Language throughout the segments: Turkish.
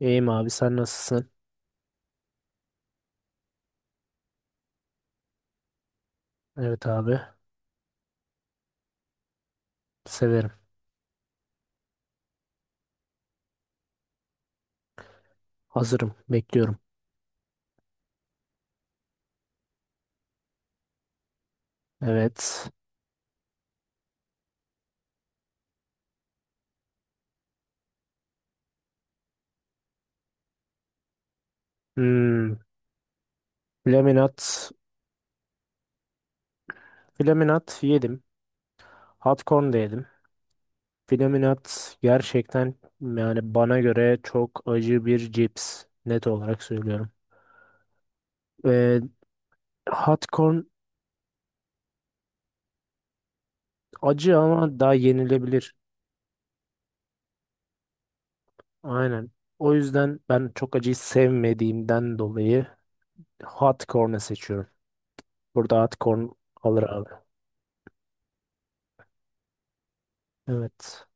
İyiyim abi sen nasılsın? Evet abi, severim. Hazırım, bekliyorum. Evet. Hmm. Flaminat. Flaminat yedim. Hot corn da yedim. Flaminat gerçekten yani bana göre çok acı bir cips. Net olarak söylüyorum. Ee, hot corn acı ama daha yenilebilir. Aynen. O yüzden ben çok acıyı sevmediğimden dolayı hot corn'u seçiyorum. Burada hot corn alır abi. Evet.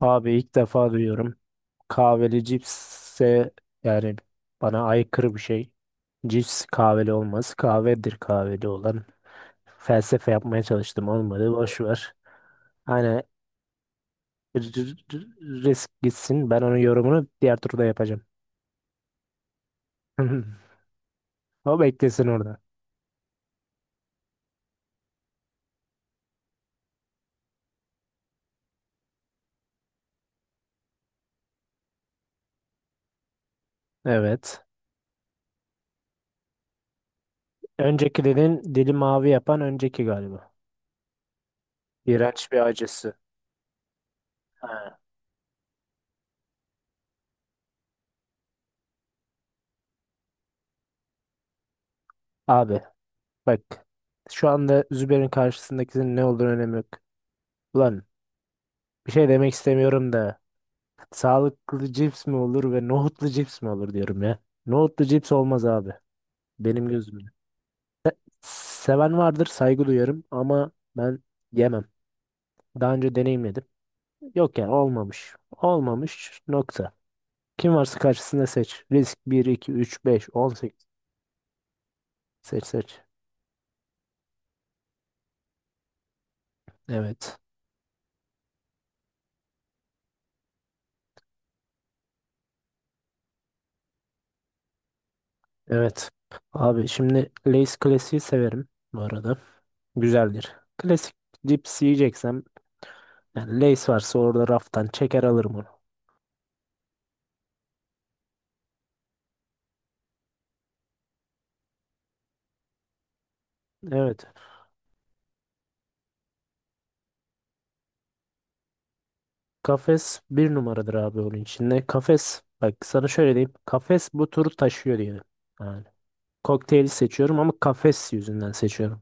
Abi ilk defa duyuyorum. Kahveli cipsse yani bana aykırı bir şey. Cips kahveli olmaz. Kahvedir kahveli olan. Felsefe yapmaya çalıştım, olmadı. Boş ver. Hani r- r- risk gitsin. Ben onun yorumunu diğer turda yapacağım. O beklesin orada. Evet. Öncekilerin dili mavi yapan önceki galiba. İğrenç bir acısı. Ha. Abi bak. Şu anda Zübeyir'in karşısındakinin ne olduğunu önemi yok. Ulan bir şey demek istemiyorum da sağlıklı cips mi olur ve nohutlu cips mi olur diyorum ya. Nohutlu cips olmaz abi benim gözümde. Seven vardır, saygı duyarım ama ben yemem. Daha önce deneyimledim. Yok yani, olmamış. Olmamış nokta. Kim varsa karşısında seç. Risk 1 2 3 5 10 18. Seç seç. Evet. Evet. Abi şimdi Lay's klasiği severim bu arada. Güzeldir. Klasik cips yiyeceksem yani Lay's varsa orada raftan çeker alırım onu. Evet. Kafes bir numaradır abi onun içinde. Kafes bak, sana şöyle diyeyim. Kafes bu turu taşıyor diyelim. Yani kokteyli seçiyorum ama kafes yüzünden seçiyorum.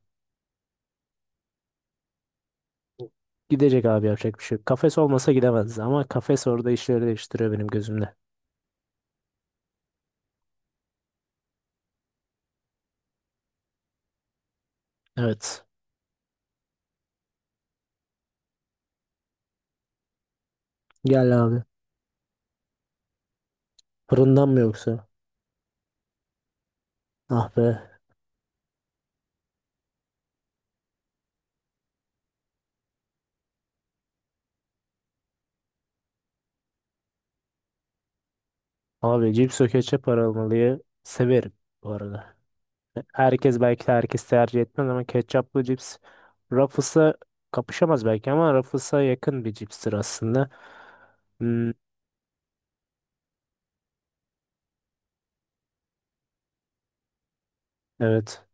Gidecek abi, yapacak bir şey yok. Kafes olmasa gidemez ama kafes orada işleri değiştiriyor benim gözümde. Evet. Gel abi. Fırından mı yoksa? Ah be. Abi cips o ketçap paramalıya severim bu arada. Herkes belki de herkes tercih etmez ama ketçaplı cips Ruffles'a kapışamaz belki ama Ruffles'a yakın bir cipstir aslında. Hmm, evet.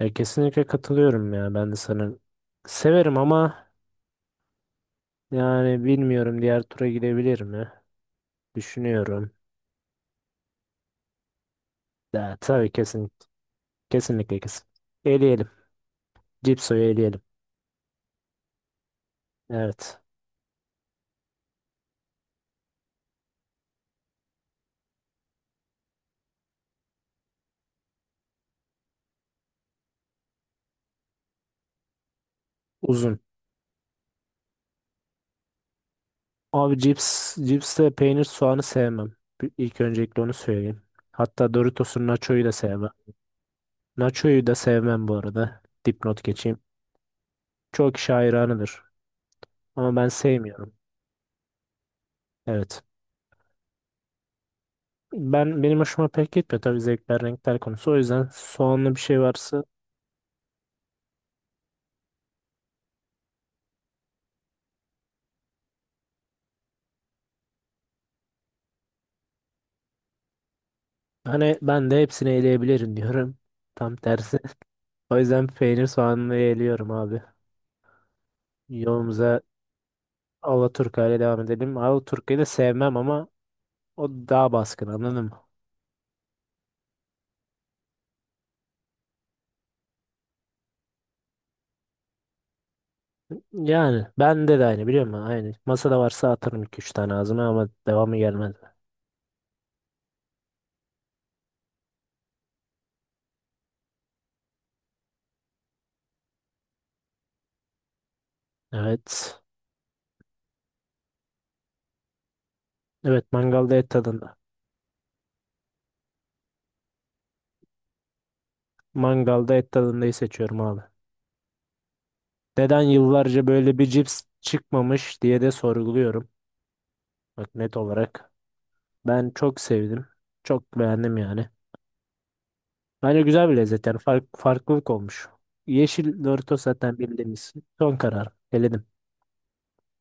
Ya kesinlikle katılıyorum ya ben de sana. Severim ama yani bilmiyorum, diğer tura gidebilir mi? Düşünüyorum. Ya, tabii kesin. Kesinlikle kesin. Eleyelim. Cipso'yu eleyelim. Evet. Uzun. Abi cipste peynir soğanı sevmem. İlk öncelikle onu söyleyeyim. Hatta Doritos'un Nacho'yu da sevmem. Nacho'yu da sevmem bu arada. Dipnot geçeyim. Çok kişi hayranıdır. Ama ben sevmiyorum. Evet. Benim hoşuma pek gitmiyor, tabii zevkler renkler konusu. O yüzden soğanlı bir şey varsa hani ben de hepsini eleyebilirim diyorum. Tam tersi. O yüzden peynir soğanlı eliyorum abi. Yolumuza Alaturka ile devam edelim. Alaturka'yı da sevmem ama o daha baskın, anladın mı? Yani bende de aynı, biliyor musun? Aynı. Masada varsa atarım iki üç tane ağzıma ama devamı gelmedi. Evet. Evet, mangalda et tadında. Mangalda et tadındayı seçiyorum abi. Neden yıllarca böyle bir cips çıkmamış diye de sorguluyorum. Bak net olarak. Ben çok sevdim. Çok beğendim yani. Bence güzel bir lezzet yani farklılık olmuş. Yeşil Doritos zaten bildiğimiz. Son karar. Eledim.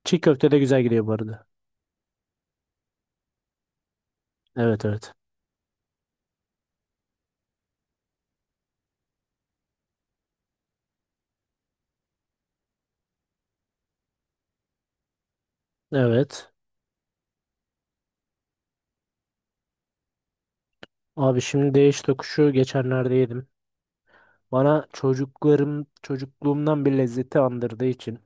Çiğ köfte de güzel gidiyor bu arada. Evet evet. Evet. Abi şimdi değiş tokuşu geçenlerde yedim. Bana çocukluğumdan bir lezzeti andırdığı için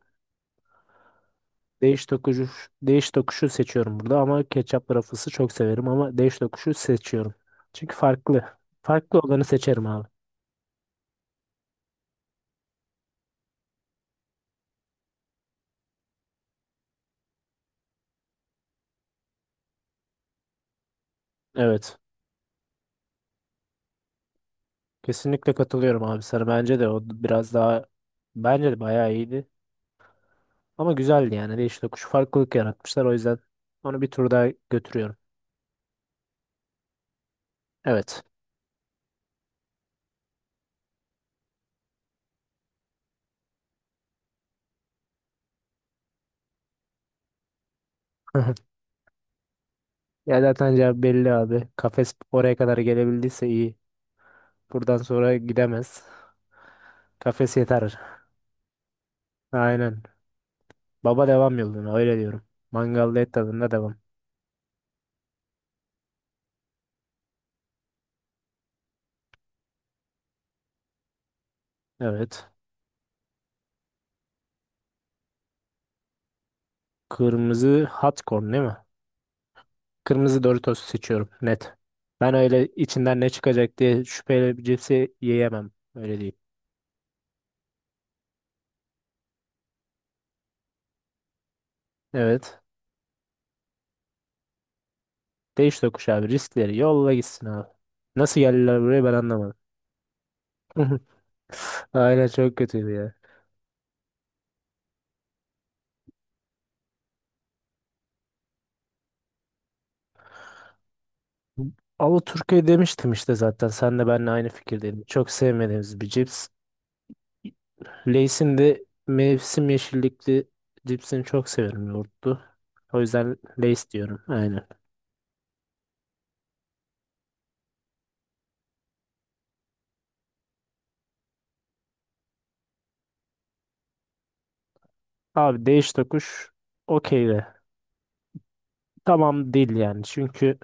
Değiş tokuşu, değiş tokuşu seçiyorum burada ama ketçap rafısı çok severim ama değiş tokuşu seçiyorum. Çünkü farklı. Farklı olanı seçerim abi. Evet. Kesinlikle katılıyorum abi sana. Bence de o biraz daha bence de bayağı iyiydi. Ama güzeldi yani. Değiş tokuş farklılık yaratmışlar. O yüzden onu bir tur daha götürüyorum. Evet. Ya zaten cevap belli abi. Kafes oraya kadar gelebildiyse iyi. Buradan sonra gidemez. Kafes yeter. Aynen. Baba devam yoluna, öyle diyorum. Mangalda et tadında devam. Evet. Kırmızı hot corn değil mi? Kırmızı Doritos seçiyorum net. Ben öyle içinden ne çıkacak diye şüpheyle bir cipsi yiyemem. Öyle değil. Evet. Değiş tokuş abi. Riskleri yolla, gitsin abi. Nasıl geldiler buraya ben anlamadım. Aynen çok kötüydü ya. Ama Türkiye demiştim işte zaten. Sen de benimle aynı fikirdeydin. Çok sevmediğimiz bir cips. Lay's'in de mevsim yeşillikli cipsini çok severim, yoğurtlu. O yüzden Lay's diyorum. Aynen. Abi değiş tokuş okey de. Tamam değil yani. Çünkü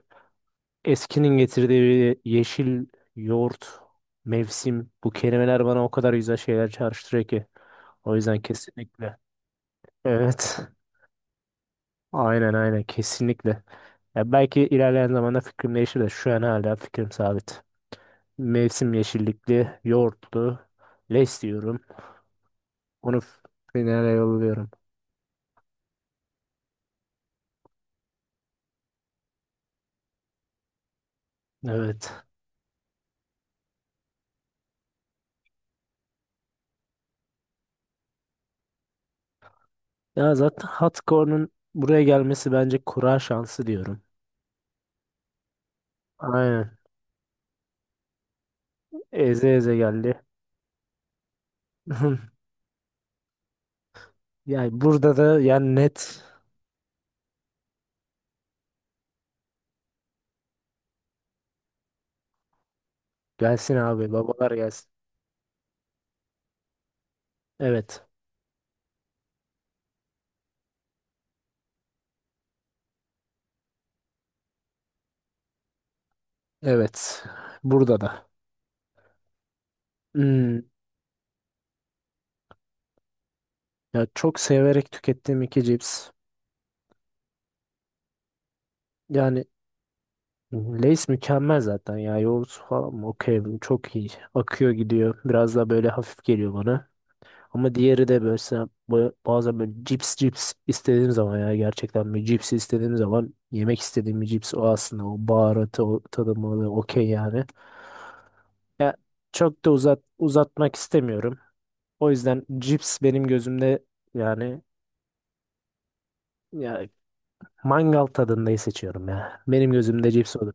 eskinin getirdiği yeşil, yoğurt, mevsim, bu kelimeler bana o kadar güzel şeyler çağrıştırıyor ki. O yüzden kesinlikle. Evet. Aynen aynen kesinlikle. Ya belki ilerleyen zamanda fikrim değişir de şu an hala fikrim sabit. Mevsim yeşillikli, yoğurtlu, leş diyorum. Onu finale yolluyorum. Evet. Ya zaten Hatkor'un buraya gelmesi bence kura şansı diyorum. Aynen. Eze eze geldi. Yani burada da yani net gelsin abi, babalar gelsin. Evet. Evet. Burada da. Hmm. Ya çok severek tükettiğim iki cips. Yani Lay's mükemmel zaten ya. Yoğurtsu falan mı? Okey. Çok iyi. Akıyor gidiyor. Biraz daha böyle hafif geliyor bana. Ama diğeri de böyle bazen böyle cips istediğim zaman ya gerçekten bir cips istediğim zaman yemek istediğim bir cips o aslında, o baharatı o tadımı okey yani. Ya çok da uzatmak istemiyorum. O yüzden cips benim gözümde yani ya mangal tadındayı seçiyorum ya. Benim gözümde cips olur.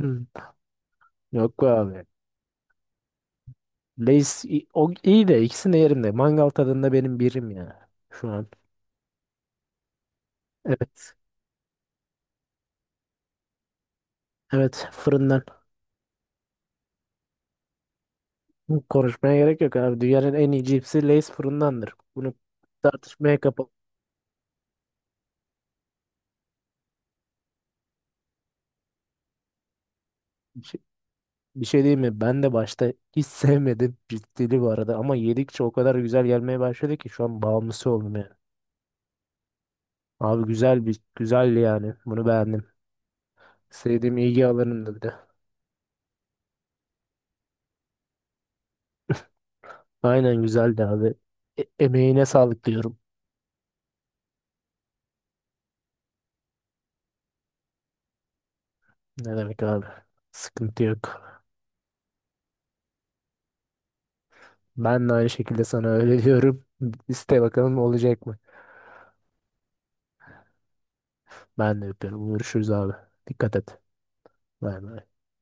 Hı. Yok be abi. O iyi de ikisini de yerim de mangal tadında benim birim ya şu an. Evet. Evet, fırından. Hı, konuşmaya gerek yok abi. Dünyanın en iyi cipsi Lay's fırındandır. Bunu tartışmaya kapalı. Bir şey diyeyim mi? Ben de başta hiç sevmedim, ciddili bu arada ama yedikçe o kadar güzel gelmeye başladı ki şu an bağımlısı oldum yani. Abi güzel, bir güzeldi yani. Bunu beğendim. Sevdiğim ilgi alanımdı bir de. Aynen güzeldi abi. Emeğine sağlık diyorum. Ne demek abi? Sıkıntı yok. Ben de aynı şekilde sana öyle diyorum. İste bakalım olacak mı? Ben de yapıyorum. Görüşürüz abi. Dikkat et. Bay bay.